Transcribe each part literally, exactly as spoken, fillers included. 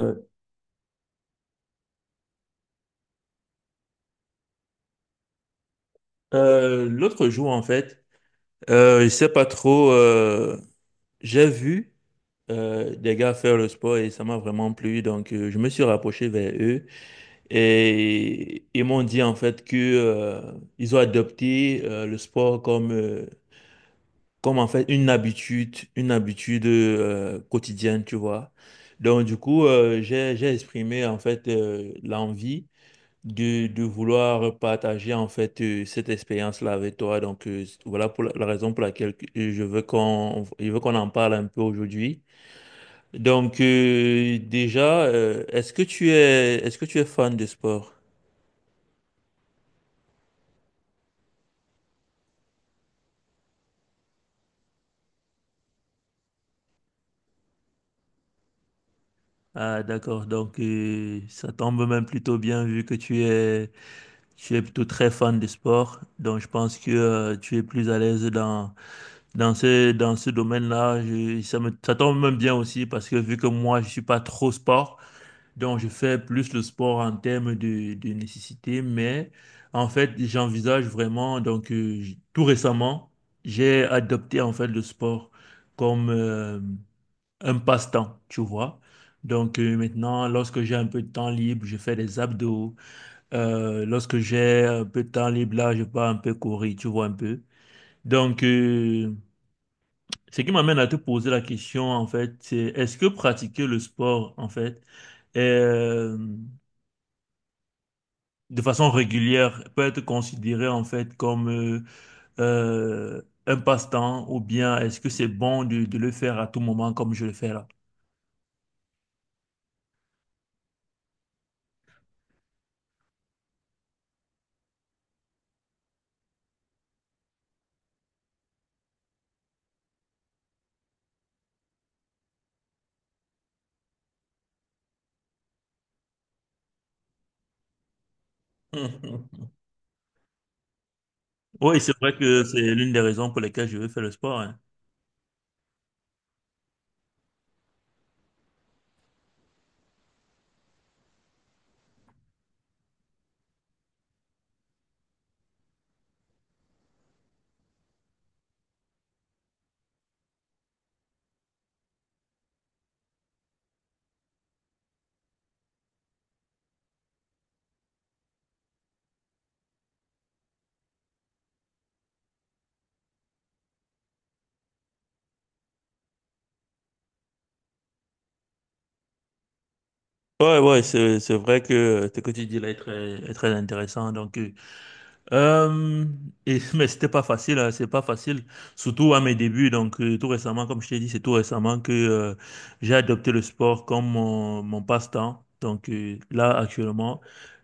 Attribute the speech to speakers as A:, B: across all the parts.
A: Euh, euh, l'autre jour, en fait, euh, je sais pas trop, euh, j'ai vu euh, des gars faire le sport et ça m'a vraiment plu. Donc, euh, je me suis rapproché vers eux et ils m'ont dit, en fait, que euh, ils ont adopté euh, le sport comme, euh, comme, en fait, une habitude, une habitude euh, quotidienne, tu vois. Donc, du coup, euh, j'ai, j'ai exprimé, en fait, euh, l'envie de, de vouloir partager en fait euh, cette expérience-là avec toi. Donc euh, voilà pour la, la raison pour laquelle que- euh, je veux qu'on je veux qu'on en parle un peu aujourd'hui. Donc euh, déjà, euh, est-ce que tu es est-ce que tu es fan de sport? Ah d'accord, donc euh, ça tombe même plutôt bien vu que tu es tu es plutôt très fan de sport. Donc je pense que euh, tu es plus à l'aise dans dans ce dans ce domaine-là. Je- Ça me ça tombe même bien aussi parce que vu que moi je suis pas trop sport. Donc, je fais plus le sport en termes de, de nécessité, mais en fait, j'envisage vraiment, donc euh, j- tout récemment, j'ai adopté en fait le sport comme euh, un passe-temps, tu vois. Donc euh, maintenant, lorsque j'ai un peu de temps libre, je fais des abdos. Euh, lorsque j'ai un peu de temps libre, là, je pars un peu courir, tu vois un peu. Donc, euh, ce qui m'amène à te poser la question, en fait, c'est est-ce que pratiquer le sport, en fait, euh, de façon régulière peut être considéré en fait comme euh, euh, un passe-temps ou bien est-ce que c'est bon de, de le faire à tout moment comme je le fais là? Oui, c'est vrai que c'est l'une des raisons pour lesquelles je veux faire le sport, hein. Ouais, ouais, c'est, c'est vrai que euh, ce que tu dis là est très, est très intéressant. Donc, euh, Euh, et, mais c'était pas facile, hein, c'est pas facile, surtout à mes débuts. Donc, euh, tout récemment, comme je t'ai dit, c'est tout récemment que euh, j'ai adopté le sport comme mon, mon passe-temps. Donc, euh, là, actuellement,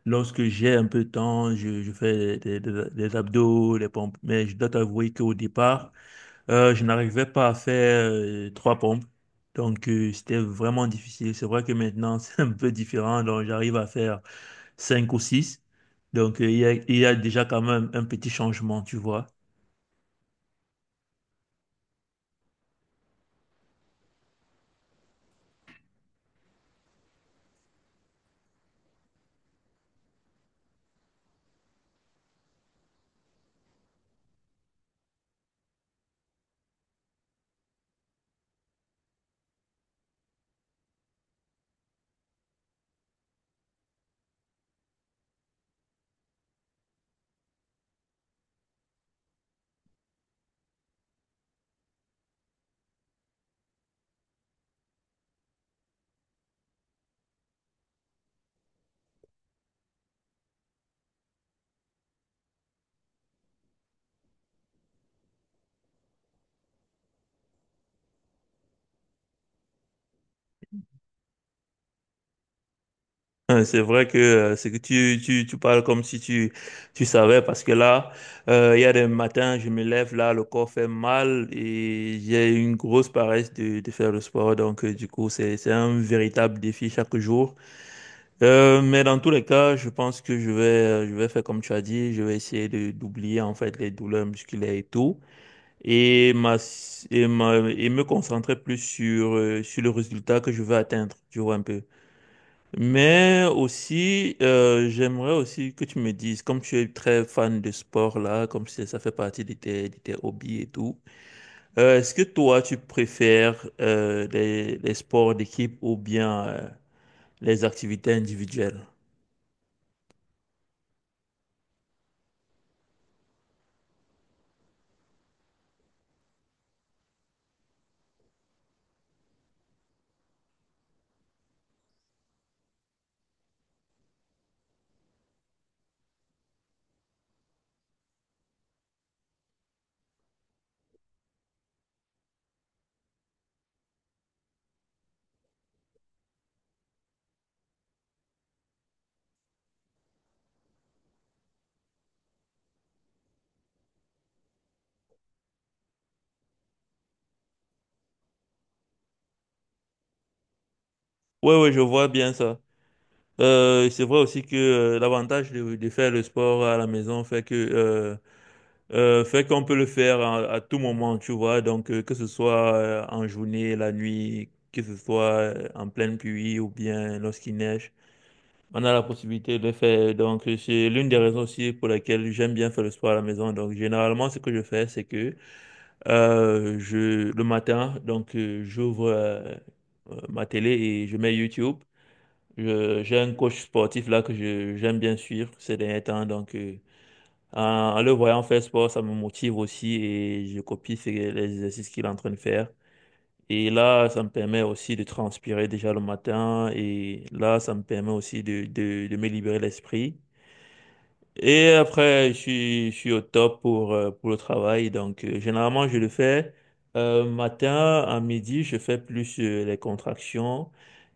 A: lorsque j'ai un peu de temps, je, je fais des, des, des abdos, des pompes. Mais je dois t'avouer qu'au départ, euh, je n'arrivais pas à faire euh, trois pompes. Donc, euh, c'était vraiment difficile. C'est vrai que maintenant, c'est un peu différent. Donc, j'arrive à faire cinq ou six. Donc, euh, il y a, il y a déjà quand même un petit changement, tu vois. Hein, c'est vrai que euh, c'est que tu, tu, tu parles comme si tu, tu savais, parce que là, euh, il y a des matins, je me lève, là, le corps fait mal et j'ai une grosse paresse de, de faire le sport. Donc, euh, du coup, c'est, c'est un véritable défi chaque jour. Euh, mais dans tous les cas, je pense que je vais, euh, je vais faire comme tu as dit, je vais essayer de, d'oublier en fait les douleurs musculaires et tout et, ma- et, ma- et me concentrer plus sur, euh, sur le résultat que je veux atteindre, tu vois un peu. Mais aussi, euh, j'aimerais aussi que tu me dises, comme tu es très fan de sport là, comme c'est- ça fait partie de tes, de tes hobbies et tout, euh, est-ce que toi tu préfères euh, les, les sports d'équipe ou bien euh, les activités individuelles? Oui, oui, je vois bien ça. Euh, c'est vrai aussi que euh, l'avantage de, de faire le sport à la maison fait que euh, Euh, fait qu'on peut le faire à, à tout moment, tu vois. Donc, euh, que ce soit euh, en journée, la nuit, que ce soit euh, en pleine pluie ou bien lorsqu'il neige, on a la possibilité de le faire. Donc, euh, c'est l'une des raisons aussi pour laquelle j'aime bien faire le sport à la maison. Donc, généralement, ce que je fais, c'est que euh, je, le matin, donc, euh, j'ouvre euh, euh, ma télé et je mets YouTube. Je- J'ai un coach sportif là que je j'aime bien suivre ces derniers temps. Donc, euh, en, en le voyant faire sport, ça me motive aussi et je copie ses- les exercices qu'il est en train de faire. Et là, ça me permet aussi de transpirer déjà le matin et là, ça me permet aussi de, de, de me libérer l'esprit. Et après, je suis, je suis au top pour, euh, pour le travail. Donc, euh, généralement, je le fais euh, matin, à midi, je fais plus euh, les contractions.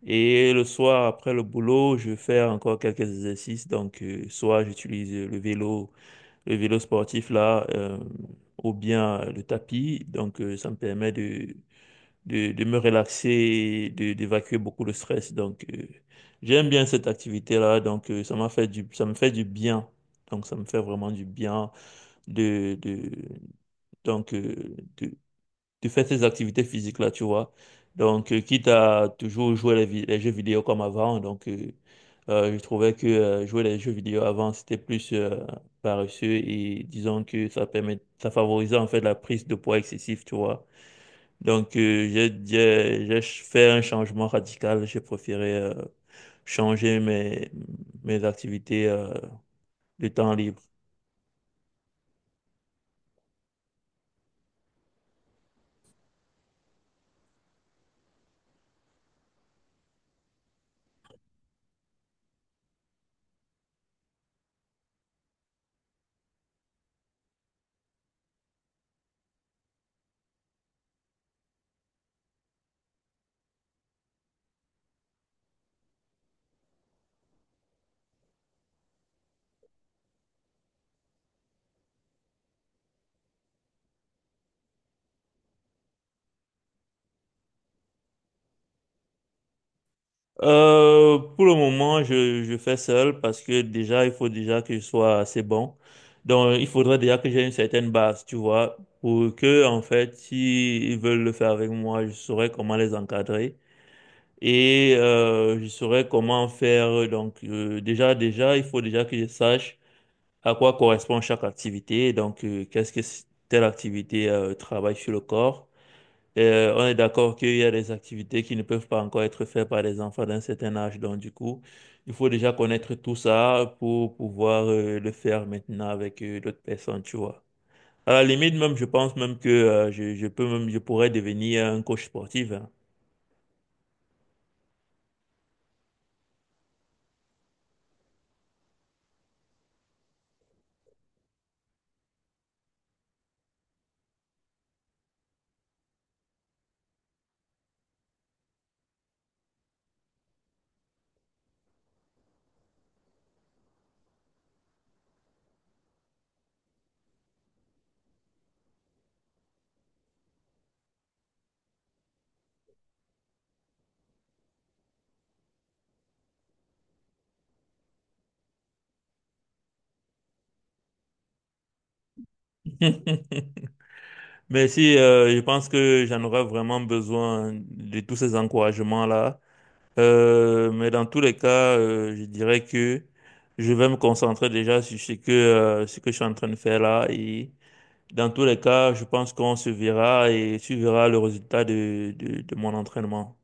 A: Et le soir, après le boulot, je fais encore quelques exercices. Donc, euh, soit j'utilise le vélo le vélo sportif là, euh, ou bien euh, le tapis. Donc, euh, ça me permet de, de, de me relaxer, et de, d'évacuer beaucoup le stress. Donc, euh, j'aime bien cette activité-là. Donc, euh, ça m'a fait du, ça me fait du bien. Donc, ça me fait vraiment du bien de, de, donc, euh, de, tu fais ces activités physiques-là, tu vois. Donc, euh, quitte à toujours jouer les, vi- les jeux vidéo comme avant, donc euh, euh, je trouvais que euh, jouer les jeux vidéo avant, c'était plus euh, paresseux et disons que ça permet, ça favorisait en fait la prise de poids excessif, tu vois. Donc, euh, j'ai, j'ai, j'ai fait un changement radical, j'ai préféré euh, changer mes, mes activités euh, de temps libre. Euh, pour le moment, je, je fais seul parce que déjà, il faut déjà que je sois assez bon. Donc, il faudrait déjà que j'ai une certaine base, tu vois, pour que, en fait, s'ils veulent le faire avec moi, je saurais comment les encadrer et euh, je saurais comment faire. Donc, euh, déjà, déjà, il faut déjà que je sache à quoi correspond chaque activité. Donc, euh, qu'est-ce que c- telle activité euh, travaille sur le corps? Euh, on est d'accord qu'il y a des activités qui ne peuvent pas encore être faites par les enfants d'un certain âge. Donc, du coup, il faut déjà connaître tout ça pour pouvoir euh, le faire maintenant avec euh, d'autres personnes, tu vois. À la limite, même, je pense même que euh, je, je peux même, je pourrais devenir un coach sportif, hein. Mais si, euh, je pense que j'en aurais vraiment besoin de tous ces encouragements-là. Euh, mais dans tous les cas, euh, je dirais que je vais me concentrer déjà sur ce que, euh, ce que je suis en train de faire là. Et dans tous les cas, je pense qu'on se verra et suivra le résultat de, de, de mon entraînement.